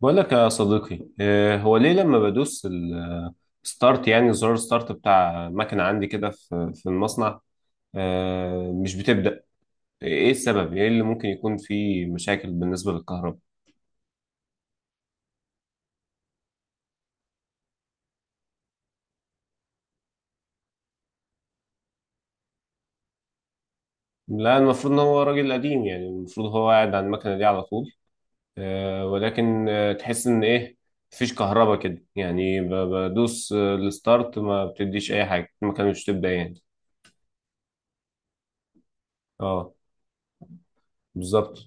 بقول لك يا صديقي، هو ليه لما بدوس الستارت، يعني زرار ستارت بتاع مكنة عندي كده في المصنع، مش بتبدأ؟ ايه السبب؟ ايه اللي ممكن يكون فيه مشاكل بالنسبة للكهرباء؟ لا، المفروض ان هو راجل قديم، يعني المفروض هو قاعد على المكنة دي على طول، ولكن تحس ان ايه؟ مفيش كهرباء كده، يعني بدوس الستارت، ما بتديش اي حاجة، المكنة مش بتبدأ يعني. اه، بالظبط.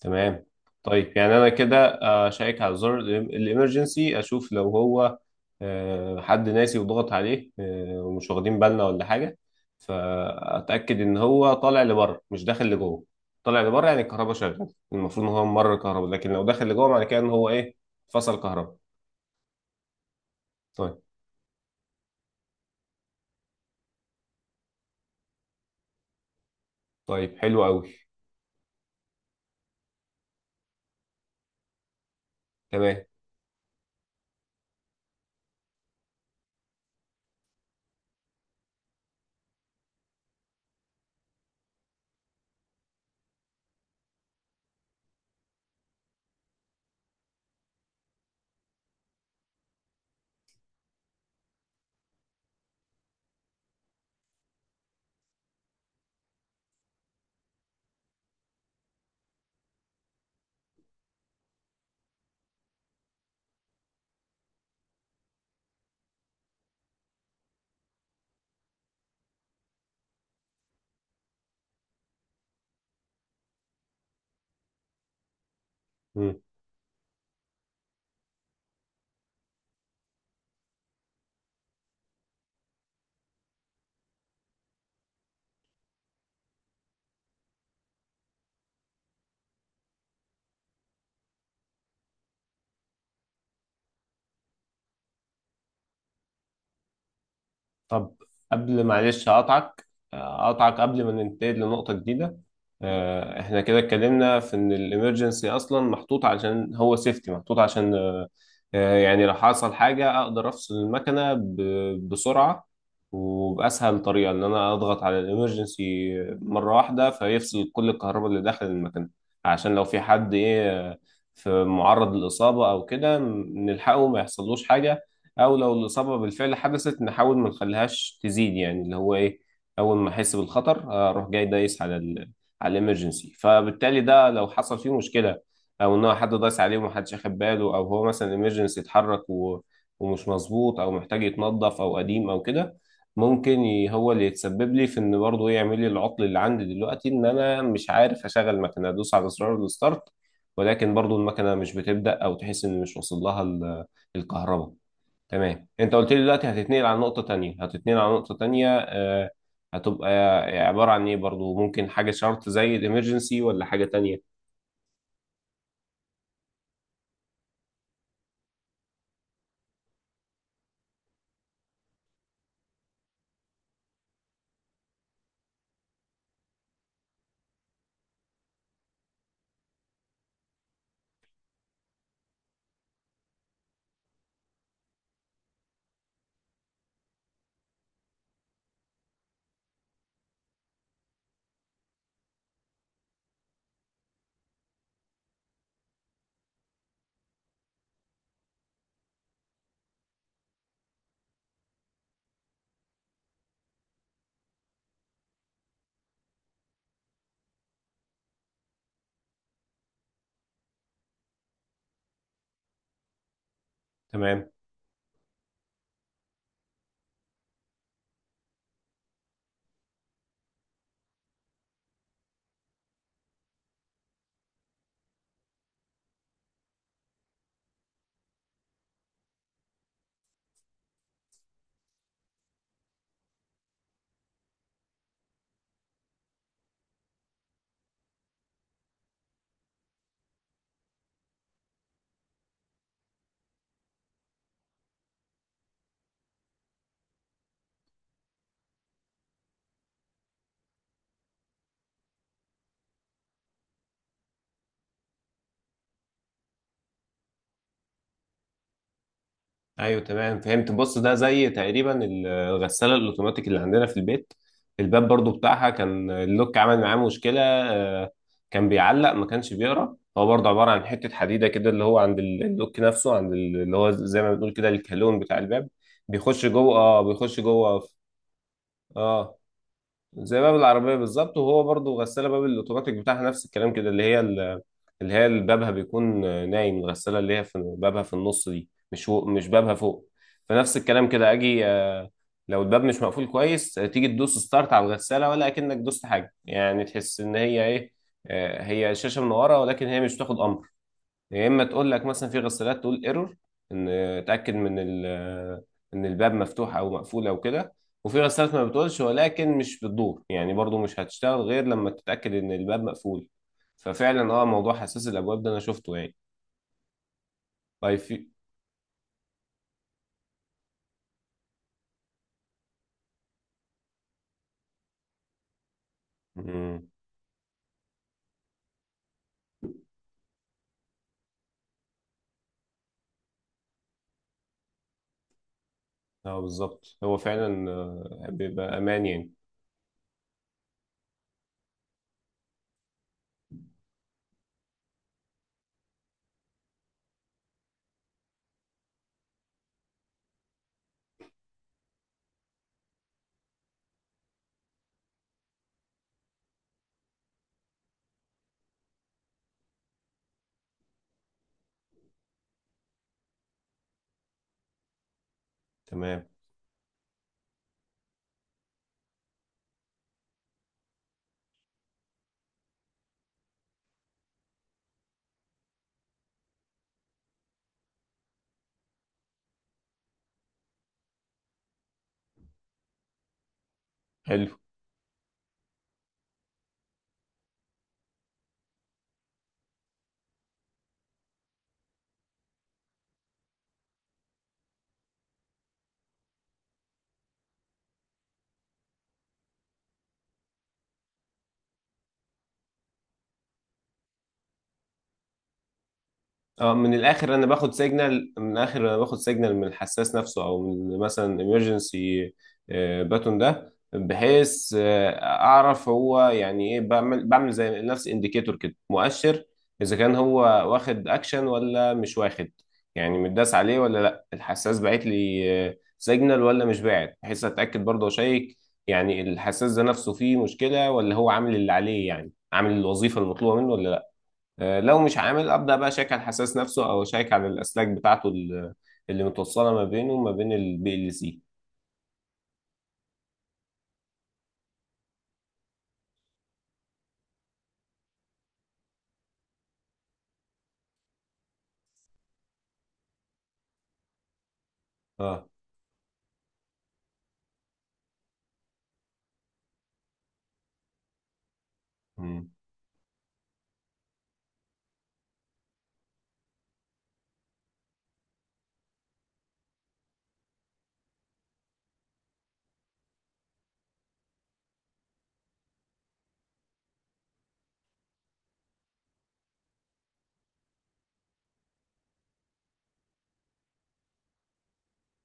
تمام. طيب يعني انا كده شيك على زر الامرجنسي، اشوف لو هو حد ناسي وضغط عليه، ومش واخدين بالنا ولا حاجه. فاتاكد ان هو طالع لبره مش داخل لجوه. طالع لبره يعني الكهرباء شغاله. المفروض ان هو ممر كهرباء، لكن لو داخل لجوه معنى كده ان هو ايه؟ فصل كهرباء. طيب. طيب حلو قوي. تمام. مم. طب قبل، معلش هقطعك قبل ما ننتقل لنقطة جديدة. احنا كده اتكلمنا في ان الامرجنسي اصلا محطوط عشان هو سيفتي، محطوط عشان يعني لو حصل حاجة اقدر افصل المكنة بسرعة، وبأسهل طريقة ان انا اضغط على الامرجنسي مرة واحدة فيفصل كل الكهرباء اللي داخل المكنة، عشان لو في حد ايه، في معرض للإصابة او كده، نلحقه ما يحصلوش حاجة، او لو الاصابه بالفعل حدثت نحاول ما نخليهاش تزيد، يعني اللي هو ايه، اول ما احس بالخطر اروح جاي دايس على على الامرجنسي. فبالتالي ده لو حصل فيه مشكله، او ان هو حد دايس عليه ومحدش اخد باله، او هو مثلا الامرجنسي اتحرك ومش مظبوط، او محتاج يتنظف، او قديم او كده، ممكن هو اللي يتسبب لي في ان برضه يعمل لي العطل اللي عندي دلوقتي، ان انا مش عارف اشغل المكنه، ادوس على زرار الستارت ولكن برضه المكنه مش بتبدا، او تحس ان مش واصل لها الكهرباء. تمام. انت قلت لي دلوقتي هتتنقل على نقطة تانية، هتبقى عبارة عن ايه؟ برضو ممكن حاجة شرط زي الامرجنسي ولا حاجة تانية؟ تمام. ايوه، تمام، فهمت. بص ده زي تقريبا الغسالة الاوتوماتيك اللي عندنا في البيت. الباب برضو بتاعها كان اللوك عمل معاه مشكلة، كان بيعلق، ما كانش بيقرا. هو برضو عبارة عن حتة حديدة كده اللي هو عند اللوك نفسه، عند اللي هو زي ما بنقول كده الكالون بتاع الباب. بيخش جوه. اه، بيخش جوه. اه، زي باب العربية بالظبط. وهو برضو غسالة باب الأوتوماتيك بتاعها نفس الكلام كده، اللي هي اللي بابها بيكون نايم. الغسالة اللي هي في بابها في النص دي، مش هو مش بابها فوق. فنفس الكلام كده أجي، لو الباب مش مقفول كويس، تيجي تدوس ستارت على الغسالة، ولا أكنك دوست حاجة، يعني تحس إن هي إيه، هي شاشة من ورا، ولكن هي مش بتاخد أمر. يا اما تقول لك، مثلا في غسالات تقول ايرور ان اتاكد من ان الباب مفتوح او مقفول او كده. وفي غسالات ما بتقولش ولكن مش بتدور يعني، برضو مش هتشتغل غير لما تتاكد ان الباب مقفول. ففعلا، اه، موضوع حساس الابواب ده انا شفته يعني. طيب في. مم. اه، بالظبط، هو فعلا بيبقى امان يعني. تمام. حلو. اه، من الاخر انا باخد سيجنال من الاخر انا باخد سيجنال من الحساس نفسه، او من مثلا امرجنسي باتون ده، بحيث اعرف هو يعني ايه، بعمل زي نفس انديكيتور كده، مؤشر اذا كان هو واخد اكشن ولا مش واخد، يعني متداس عليه ولا لا، الحساس باعت لي سيجنال ولا مش باعت، بحيث اتاكد برضه واشيك يعني الحساس ده نفسه فيه مشكله، ولا هو عامل اللي عليه، يعني عامل الوظيفه المطلوبه منه ولا لا. لو مش عامل ابدا بقى، شيك على الحساس نفسه او شيك على الاسلاك بتاعته اللي متوصله ما بينه وما بين البي ال سي. اه. مم.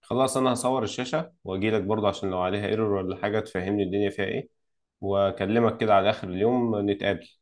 خلاص، انا هصور الشاشه واجي لك برضه عشان لو عليها ايرور ولا حاجه تفهمني الدنيا فيها ايه، واكلمك كده على اخر اليوم نتقابل.